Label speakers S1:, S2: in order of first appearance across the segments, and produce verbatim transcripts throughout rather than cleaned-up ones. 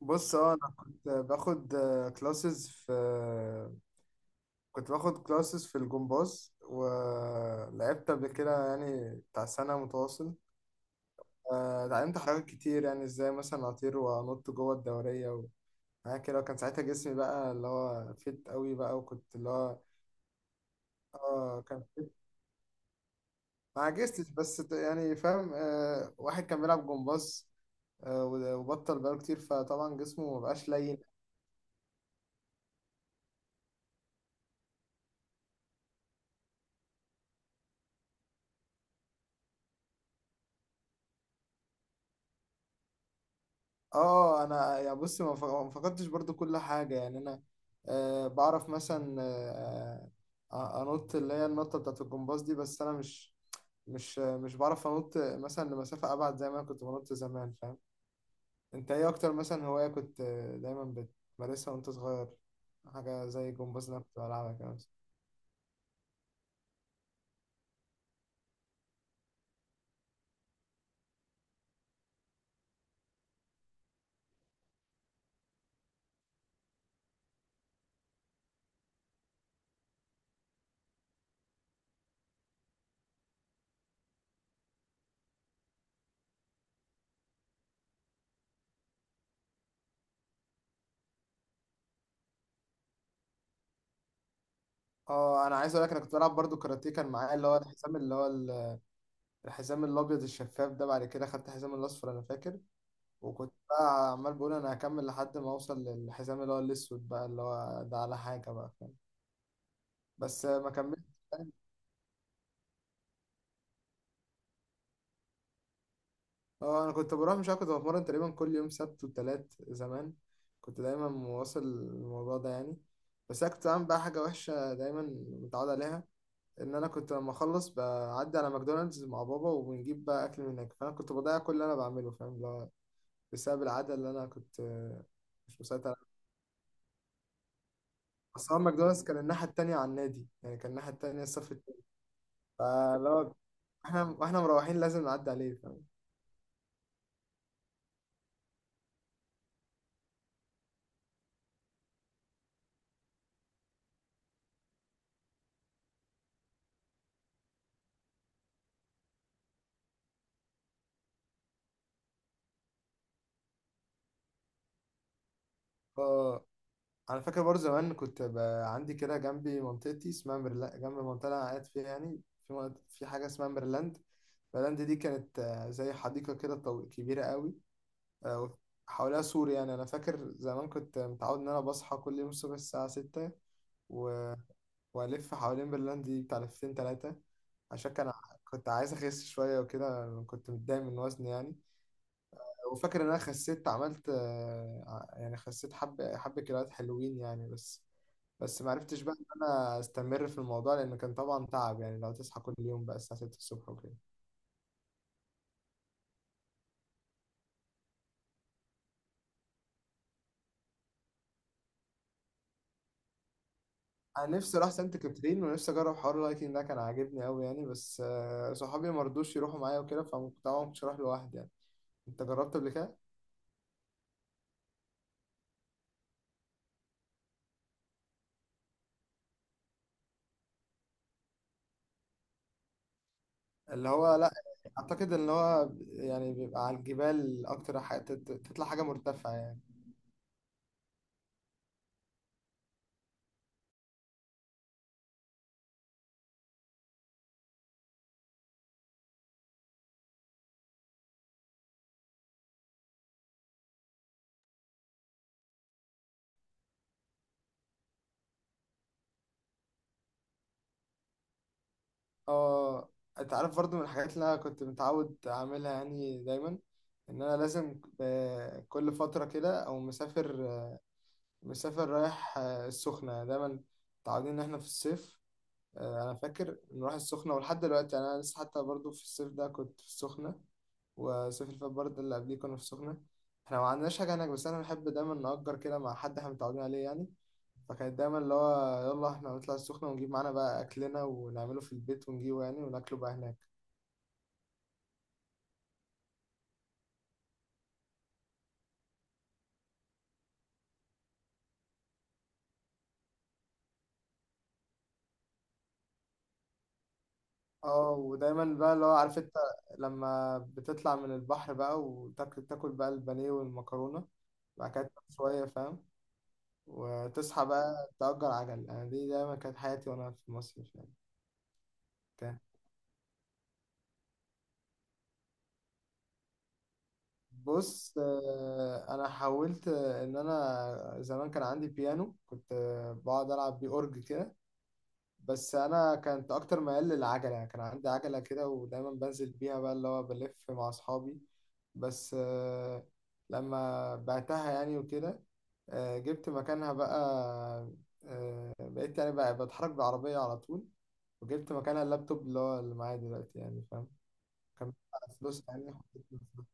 S1: بص اه انا كنت باخد كلاسز في. كنت باخد كلاسز في الجمباز ولعبت قبل كده يعني بتاع سنة متواصل. آه، اتعلمت حاجات كتير يعني ازاي مثلا اطير وانط جوه الدورية وحاجات كده، وكان ساعتها جسمي بقى اللي هو فت قوي بقى، وكنت اللي هو اه كان فت. ما عجزتش بس ت- يعني فاهم، آه، واحد كان بيلعب جمباز آه، وبطل بقاله كتير فطبعا جسمه مبقاش لين. اه انا يعني بص ما ف- ما فقدتش برضو كل حاجه يعني انا آه بعرف مثلا، آه آه، انط اللي هي النطه بتاعت الجمباز دي، بس انا مش مش مش بعرف انط مثلا لمسافه ابعد زي ما انا كنت بنط زمان فاهم. انت ايه اكتر مثلا هوايه كنت آه، دايما بتمارسها وانت صغير؟ حاجه زي الجمباز اللي انا كنت بلعبها كده مثلا. اه انا عايز اقول لك انا كنت بلعب برضو كاراتيه، كان معايا اللي هو الحزام اللي هو ال- الحزام الابيض الشفاف ده، بعد كده خدت حزام الاصفر انا فاكر. وكنت بقى عمال بقول انا هكمل لحد ما اوصل للحزام اللي هو الاسود بقى، اللي هو ده على حاجه بقى فاهم. بس ما كملت. اه انا كنت بروح مش عارف كنت بتمرن تقريبا كل يوم سبت وتلات زمان، كنت دايما مواصل الموضوع ده يعني. بس انا كنت بعمل بقى حاجه وحشه دايما متعود عليها، ان انا كنت لما اخلص بعدي على ماكدونالدز مع بابا وبنجيب بقى اكل من هناك، فانا كنت بضيع كل اللي انا بعمله فاهم، اللي هو بسبب العاده اللي انا كنت مش مسيطر عليها. بس هو ماكدونالدز كان الناحيه التانيه على النادي يعني، كان الناحيه التانيه الصف، فلو احنا واحنا مروحين لازم نعدي عليه فاهم. ف انا فاكر برضه زمان كنت بقى عندي كده جنبي منطقتي اسمها ميرلا جنب المنطقه اللي انا قاعد فيها يعني. في منط- في حاجه اسمها ميرلاند. ميرلاند دي كانت، آه، زي حديقه كده طو- كبيره قوي، آه، حواليها سور. يعني انا فاكر زمان كنت متعود ان انا بصحى كل يوم الصبح الساعه ستة و... والف حوالين ميرلاند دي بتاع لفتين تلاتة. عشان كان ع- كنت عايز اخس شويه وكده، كنت متضايق من وزني يعني. وفاكر ان انا خسيت، عملت، آه، ع- يعني خسيت حبة حبة كيلوات حلوين يعني. بس بس ما عرفتش بقى ان انا استمر في الموضوع، لان كان طبعا تعب يعني لو تصحى كل يوم بقى الساعة ستة الصبح وكده. انا نفسي اروح سانت كاترين ونفسي اجرب حوار اللايكنج ده، كان عاجبني قوي يعني، بس آه، صحابي ما رضوش يروحوا معايا وكده، فطبعا ما كنتش اروح لوحدي يعني. انت جربت قبل كده؟ اللي هو لا، اعتقد ان هو يعني بيبقى على الجبال، اكتر حاجة تت- تطلع حاجة مرتفعة يعني. اه انت عارف برضو من الحاجات اللي انا كنت متعود اعملها يعني دايما، ان انا لازم ب- كل فتره كده او مسافر، مسافر رايح، آه، السخنه دايما، متعودين ان احنا في الصيف، آه، انا فاكر نروح السخنه، ولحد دلوقتي يعني انا لسه حتى برضو في الصيف ده كنت في السخنه، والصيف اللي فات برضه اللي قبليه كنا في السخنه. احنا ما عندناش حاجه هناك، بس انا بحب دايما نأجر كده مع حد احنا متعودين عليه يعني. فكانت دايما اللي هو يلا احنا نطلع السخنة ونجيب معانا بقى أكلنا ونعمله في البيت ونجيبه يعني وناكله بقى هناك. اه ودايما بقى اللي هو عارف انت، لما بتطلع من البحر بقى وتاكل، تاكل بقى البانيه والمكرونة، بعد كده تنام شوية فاهم، وتصحى بقى تأجر عجل. أنا دي دايما كانت حياتي وأنا في مصر يعني. كان بص، آه، أنا حاولت، آه، إن أنا زمان كان عندي بيانو، كنت آه، بقعد ألعب بيه أورج كده. بس انا كنت اكتر ميال للعجله يعني، كان عندي عجله كده ودايما بنزل بيها بقى اللي هو بلف مع اصحابي، بس، آه، لما بعتها يعني وكده، آه، جبت مكانها بقى، آه، بقيت يعني بقى بتحرك بالعربيه على طول، وجبت مكانها اللابتوب اللي هو اللي معايا دلوقتي يعني فاهم. كان بقى فلوس يعني، حطيت فلوس.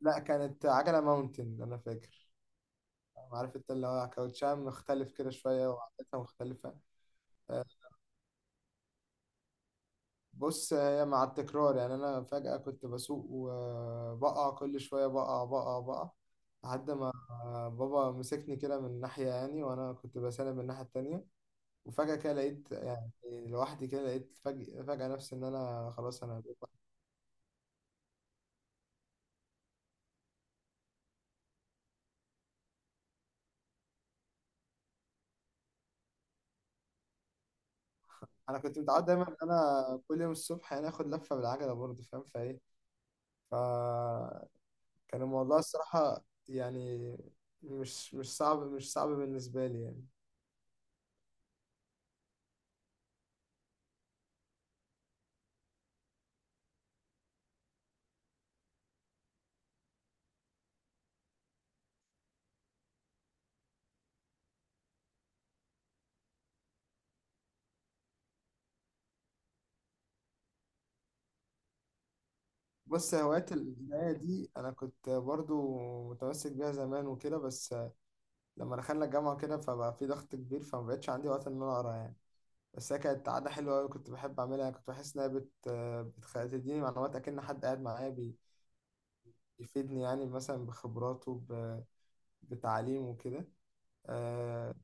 S1: لا، كانت عجله ماونتن انا فاكر، عارف انت اللي هو كاوتشام مختلف كده شويه وعدتها مختلفه. بص هي مع التكرار يعني، انا فجأة كنت بسوق وبقع كل شوية، بقع بقع بقع لحد ما بابا مسكني كده من ناحية يعني، وانا كنت بسلم من الناحية التانية، وفجأة كده لقيت يعني لوحدي، كده لقيت فجأة, فجأة نفسي ان انا خلاص انا بقيت لوحدي. انا كنت متعود دايما ان انا كل يوم الصبح يعني اخد لفة بالعجلة برضه فاهم فايه. فكان الموضوع الصراحة يعني مش، مش صعب مش صعب بالنسبة لي يعني. بص هوايات القراية دي أنا كنت برضو متمسك بيها زمان وكده، بس لما دخلنا الجامعة كده فبقى في ضغط كبير، فمبقتش عندي وقت إن أنا أقرا يعني. بس هي كانت عادة حلوة أوي كنت بحب أعملها يعني. كنت بحس إنها بت... بتخ... بتديني معلومات أكن حد قاعد معايا بي... بيفيدني يعني مثلا بخبراته ب... بتعليمه وكده أه...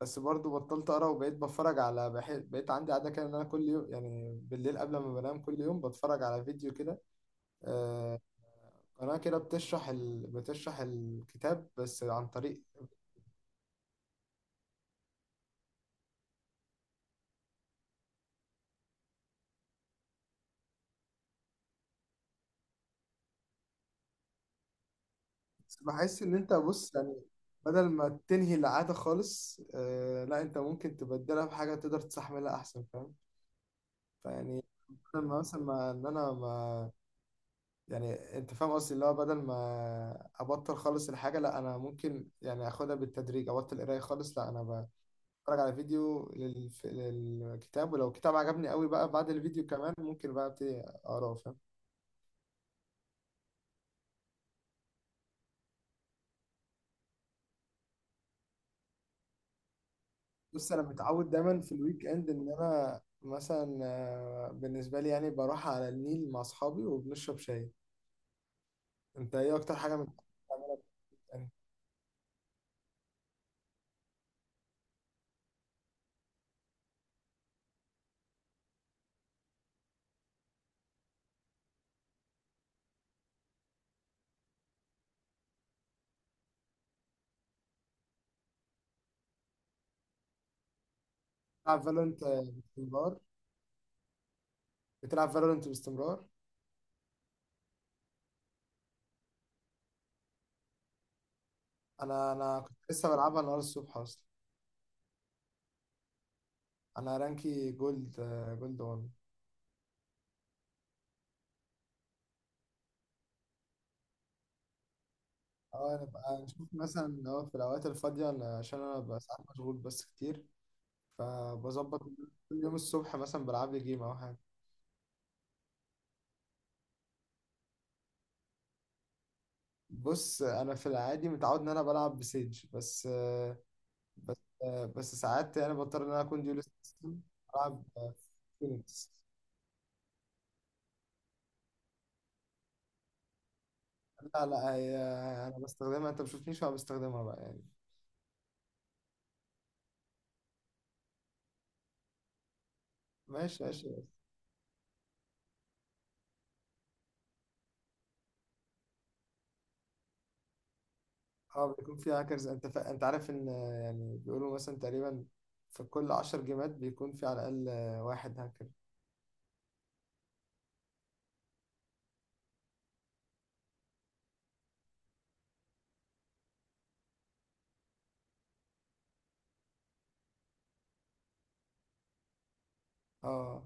S1: بس برضو بطلت أقرا وبقيت بتفرج على بح... بقيت عندي عادة كده إن أنا كل يوم يعني بالليل قبل ما بنام كل يوم بتفرج على فيديو كده، آه، قناة كده بتشرح ال... بتشرح الكتاب بس عن طريق، بس بحس إن أنت بص يعني، بدل ما تنهي العادة خالص، آه لا أنت ممكن تبدلها بحاجة تقدر تستحملها أحسن فاهم. فيعني بدل ما مثلا ما إن أنا ما يعني أنت فاهم قصدي اللي هو بدل ما أبطل خالص الحاجة، لا أنا ممكن يعني أخدها بالتدريج، أبطل قراية خالص لا، أنا بتفرج على فيديو لل... للكتاب، ولو كتاب عجبني قوي بقى بعد الفيديو كمان ممكن بقى أبتدي أقراه فاهم. بص انا متعود دايما في الويك اند ان انا مثلا، آه، بالنسبه لي يعني بروح على النيل مع اصحابي وبنشرب شاي. انت ايه اكتر حاجه من بتعملها يعني؟ بتلعب فالورنت باستمرار؟ بتلعب فالورنت باستمرار؟ انا انا كنت لسه بلعبها النهارده الصبح اصلا. انا رانكي جولد، آه، جولد واحد. اه نبقى نشوف مثلا اللي هو في الاوقات الفاضيه، أنا- عشان انا ببقى ساعات مشغول بس كتير، فبظبط كل يوم الصبح مثلا بلعب لي جيم او حاجه. بص انا في العادي متعود ان انا بلعب بسيج بس، بس بس ساعات يعني بضطر ان انا اكون ديولست أصلاً، العب فينيكس. لا لا هي انا بستخدمها، انت ما بتشوفنيش وانا بستخدمها بقى يعني. ماشي ماشي. اه بيكون في هاكرز، انت فا... انت عارف ان، يعني بيقولوا مثلا تقريبا في كل عشر جيمات بيكون في على الاقل واحد هاكر. اه